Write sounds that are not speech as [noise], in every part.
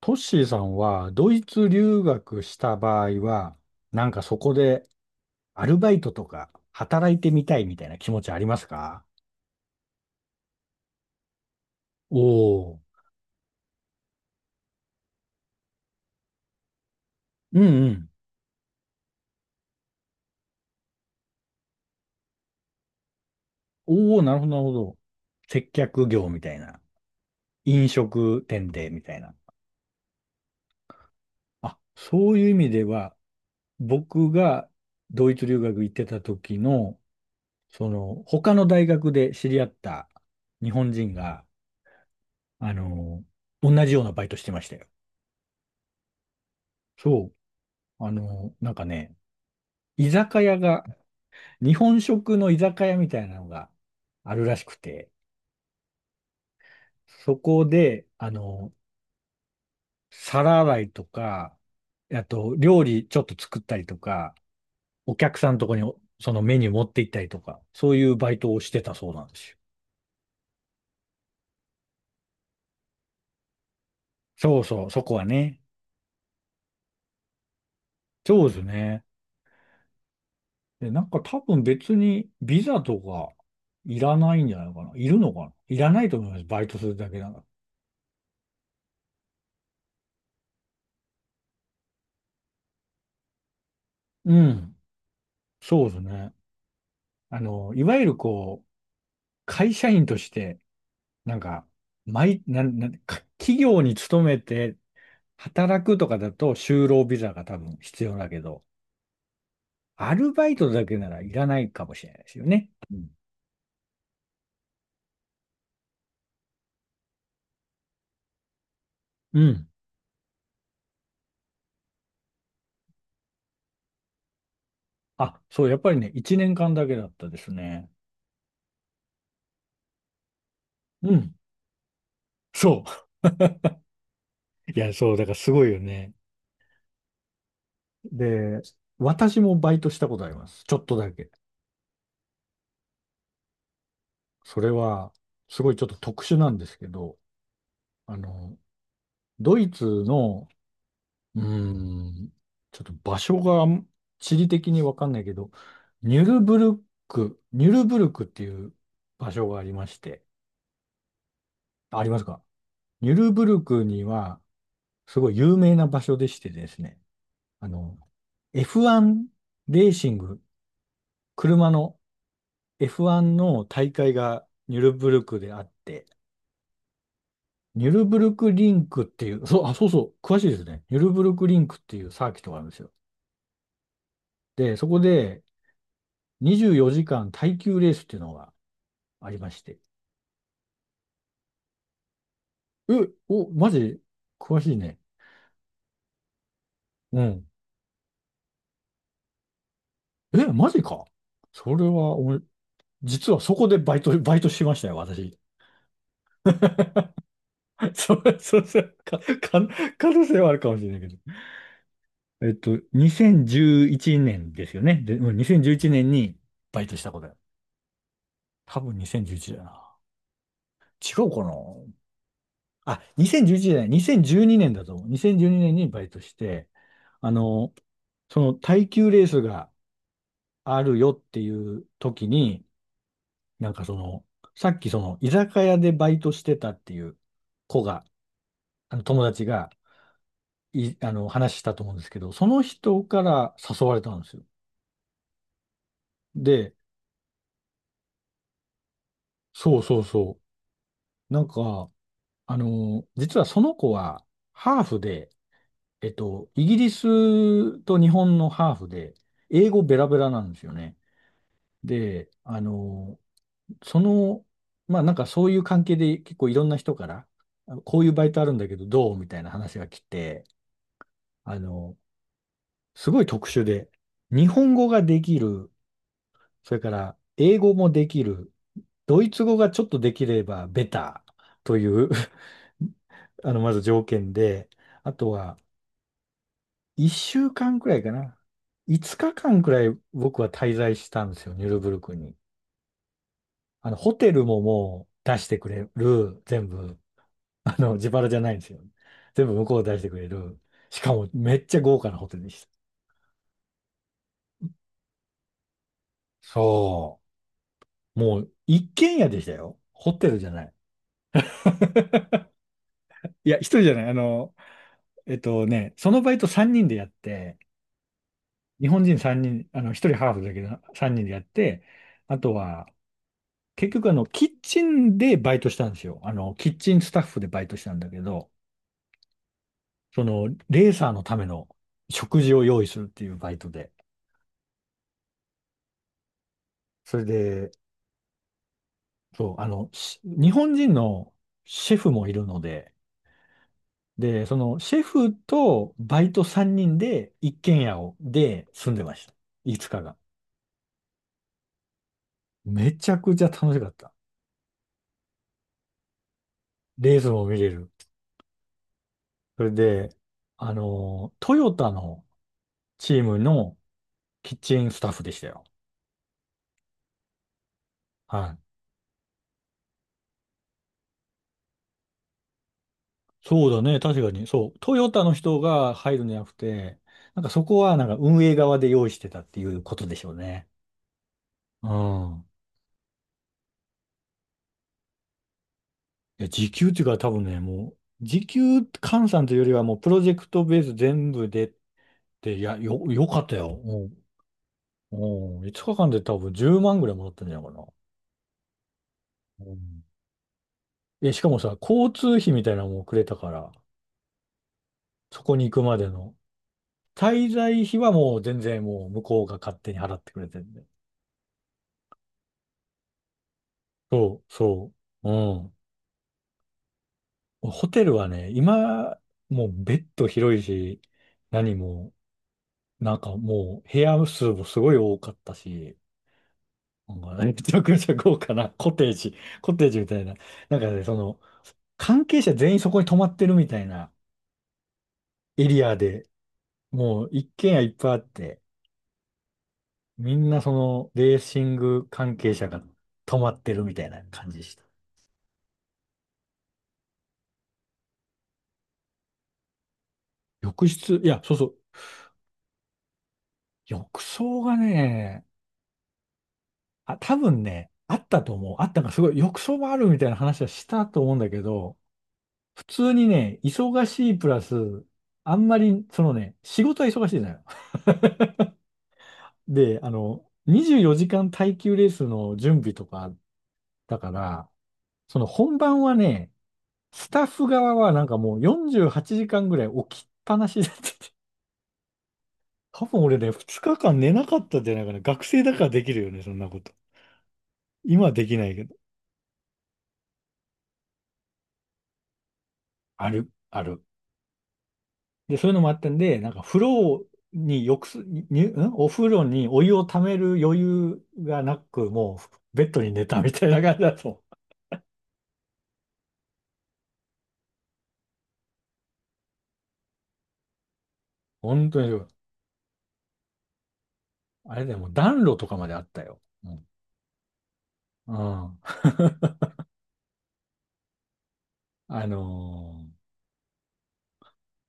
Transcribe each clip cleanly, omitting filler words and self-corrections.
トッシーさんはドイツ留学した場合は、なんかそこでアルバイトとか働いてみたいみたいな気持ちありますか？おおー。うんうん。おお、なるほど、なるほど。接客業みたいな。飲食店でみたいな。あ、そういう意味では、僕がドイツ留学行ってた時の、その、他の大学で知り合った日本人が、あの、同じようなバイトしてましたよ。そう。なんかね、居酒屋が、日本食の居酒屋みたいなのがあるらしくて、そこで、皿洗いとか、あと、料理ちょっと作ったりとか、お客さんのとこにそのメニュー持って行ったりとか、そういうバイトをしてたそうなんですよ。そうそう、そこはね。そうですね。で、なんか多分別にビザとかいらないんじゃないかな。いるのかないらないと思います。バイトするだけなら。うん。そうですね。いわゆるこう、会社員として、なんか、企業に勤めて働くとかだと就労ビザが多分必要だけど、アルバイトだけならいらないかもしれないですよね。うん。うん。あ、そう、やっぱりね、1年間だけだったですね。うん。そう。[laughs] いや、そう、だからすごいよね。で、私もバイトしたことあります。ちょっとだけ。それは、すごいちょっと特殊なんですけど、あの、ドイツのうーん。ちょっと場所が地理的にわかんないけど、ニュルブルクっていう場所がありまして、ありますか？ニュルブルクには、すごい有名な場所でしてですね、あの、F1 レーシング、車の F1 の大会がニュルブルクであって、ニュルブルクリンクっていう、そう、あ、そうそう、詳しいですね。ニュルブルクリンクっていうサーキットがあるんですよ。で、そこで24時間耐久レースっていうのがありまして。え、お、マジ詳しいね。うん。え、マジか。それは、俺、実はそこでバイトしましたよ、私。[laughs] そう、そう、そう、可能性はあるかもしれないけど。2011年ですよね。で、うん、2011年にバイトしたことだよ。多分2011だな。違うかなあ、2011じゅういちじゃない、2年だと思う。2012年にねんにバイトして、あの、その耐久レースがあるよっていう時に、なんかその、さっきその、居酒屋でバイトしてたっていう子が、あの友達がい、あの、話したと思うんですけど、その人から誘われたんですよ。で、そうそうそう。なんか、実はその子は、ハーフで、イギリスと日本のハーフで、英語ベラベラなんですよね。で、その、まあなんかそういう関係で結構いろんな人から、こういうバイトあるんだけどどうみたいな話が来て、あの、すごい特殊で、日本語ができる、それから英語もできる、ドイツ語がちょっとできればベターという [laughs] まず条件で、あとは1週間くらいかな。5日間くらい僕は滞在したんですよ、ニュルブルクに。ホテルももう出してくれる、全部、自腹じゃないんですよ。全部向こうで出してくれる。しかもめっちゃ豪華なホテルでした。そう。もう一軒家でしたよ。ホテルじゃない。[laughs] いや、一人じゃない。そのバイト3人でやって、日本人3人、一人ハーフだけど3人でやって、あとは、結局キッチンでバイトしたんですよ。キッチンスタッフでバイトしたんだけど、その、レーサーのための食事を用意するっていうバイトで。それで、そう、日本人のシェフもいるので、で、そのシェフとバイト3人で一軒家で住んでました。いつ日が。めちゃくちゃ楽しかった。レースも見れる。それで、トヨタのチームのキッチンスタッフでしたよ。はい。そうだね。確かに。そう。トヨタの人が入るんじゃなくて、なんかそこはなんか運営側で用意してたっていうことでしょうね。うん。いや、時給っていうか多分ね、もう、時給換算というよりはもうプロジェクトベース全部で、いや、よかったよ。うん。うん。5日間で多分10万ぐらいもらったんじゃないかな。うん。え、しかもさ、交通費みたいなのもくれたから、そこに行くまでの。滞在費はもう全然もう向こうが勝手に払ってくれてるんで。そう、そう。うん。ホテルはね、今、もうベッド広いし、何も、なんかもう部屋数もすごい多かったし、なんかねめちゃくちゃ豪華なコテージみたいな。なんかね、その、関係者全員そこに泊まってるみたいなエリアで、もう一軒家いっぱいあって、みんなそのレーシング関係者が泊まってるみたいな感じでした。浴室、いや、そうそう。浴槽がね、あ、多分ね、あったと思う。あったか、すごい。浴槽もあるみたいな話はしたと思うんだけど、普通にね、忙しいプラス、あんまり、そのね、仕事は忙しいじゃない。で、24時間耐久レースの準備とかだから、その本番はね、スタッフ側はなんかもう48時間ぐらい起きっぱなしだったて。多分俺ね、2日間寝なかったんじゃないかな。学生だからできるよね、そんなこと。今はできないけど。ある、ある。で、そういうのもあったんで、なんか風呂に浴す、に、にんお風呂にお湯をためる余裕がなく、もうベッドに寝たみたいな感じだと。本当に、あれだよ、もう暖炉とかまであったよ。うん。うん。あのー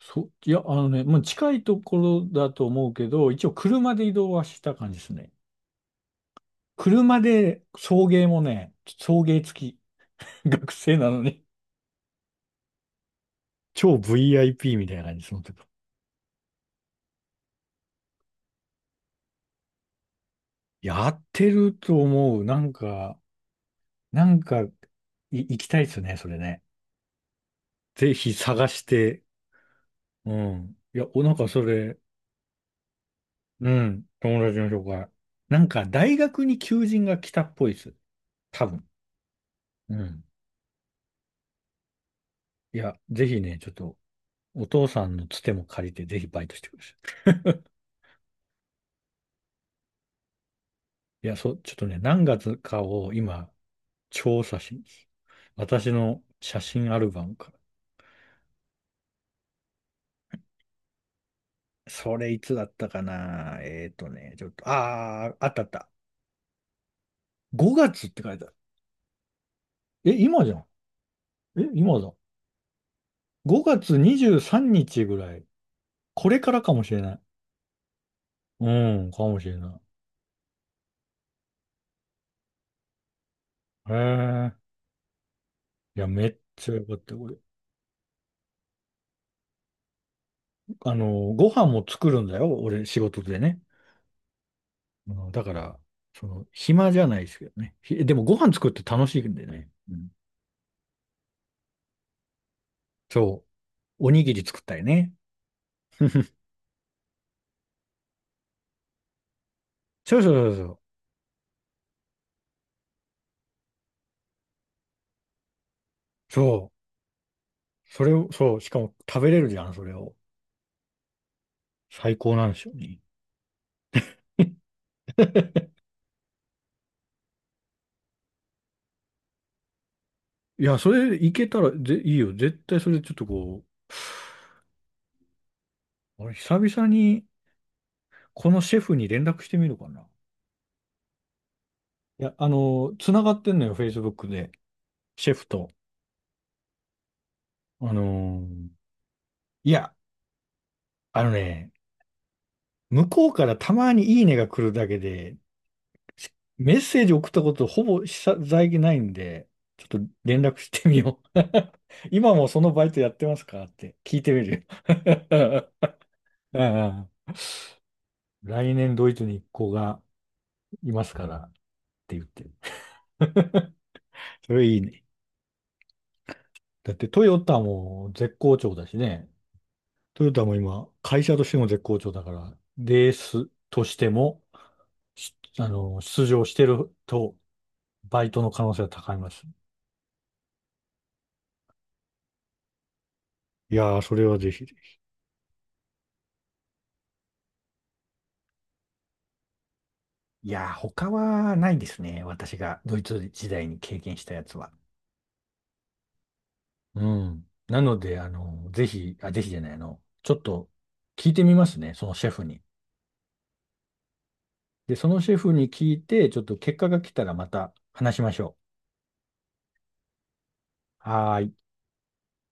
そいや、もう近いところだと思うけど、一応車で移動はした感じですね。車で送迎もね、送迎付き。[laughs] 学生なのに。超 VIP みたいな感じ、その時。やってると思う。なんか、行きたいですね、それね。ぜひ探して。うん。いや、お、なんかそれ、うん、友達の紹介。なんか、大学に求人が来たっぽいです。多分。うん。いや、ぜひね、ちょっとお父さんのつても借りて、ぜひバイトしてください。いや、そう、ちょっとね、何月かを今、調査しに私の写真アルバムから。それいつだったかな、ちょっと、あったあった。5月って書いてある。え、今じゃん。え、今だ。5月23日ぐらい。これからかもしれない。うん、かもしれない。へえ。いや、めっちゃよかった、これ。ご飯も作るんだよ、俺、仕事でね。だから、暇じゃないですけどね。でもご飯作って楽しいんでね。うん、そう。おにぎり作ったりね。そうそうそうそう。そう。それを、そう。しかも食べれるじゃん、それを。最高なんですよね。[laughs] いや、それいけたらいいよ。絶対それちょっとこう、俺久々にこのシェフに連絡してみるかな。いや、つながってんのよ、Facebook で。シェフと。あのーいや、あのね、向こうからたまにいいねが来るだけで、メッセージ送ったことほぼ久々ないんで、ちょっと連絡してみよう。[laughs] 今もそのバイトやってますかって聞いてみるよ。[laughs] うんうん。来年ドイツに一行がいますからって言って。それいいね。だってトヨタも絶好調だしね。トヨタも今、会社としても絶好調だから、レースとしても、しあの、出場してると、バイトの可能性は高います。いやー、それはぜひ。いやー、他はないですね。私がドイツ時代に経験したやつは。うん。なので、ぜひ、あ、ぜひじゃない、ちょっと聞いてみますね。そのシェフに。で、そのシェフに聞いて、ちょっと結果が来たらまた話しましょう。はーい。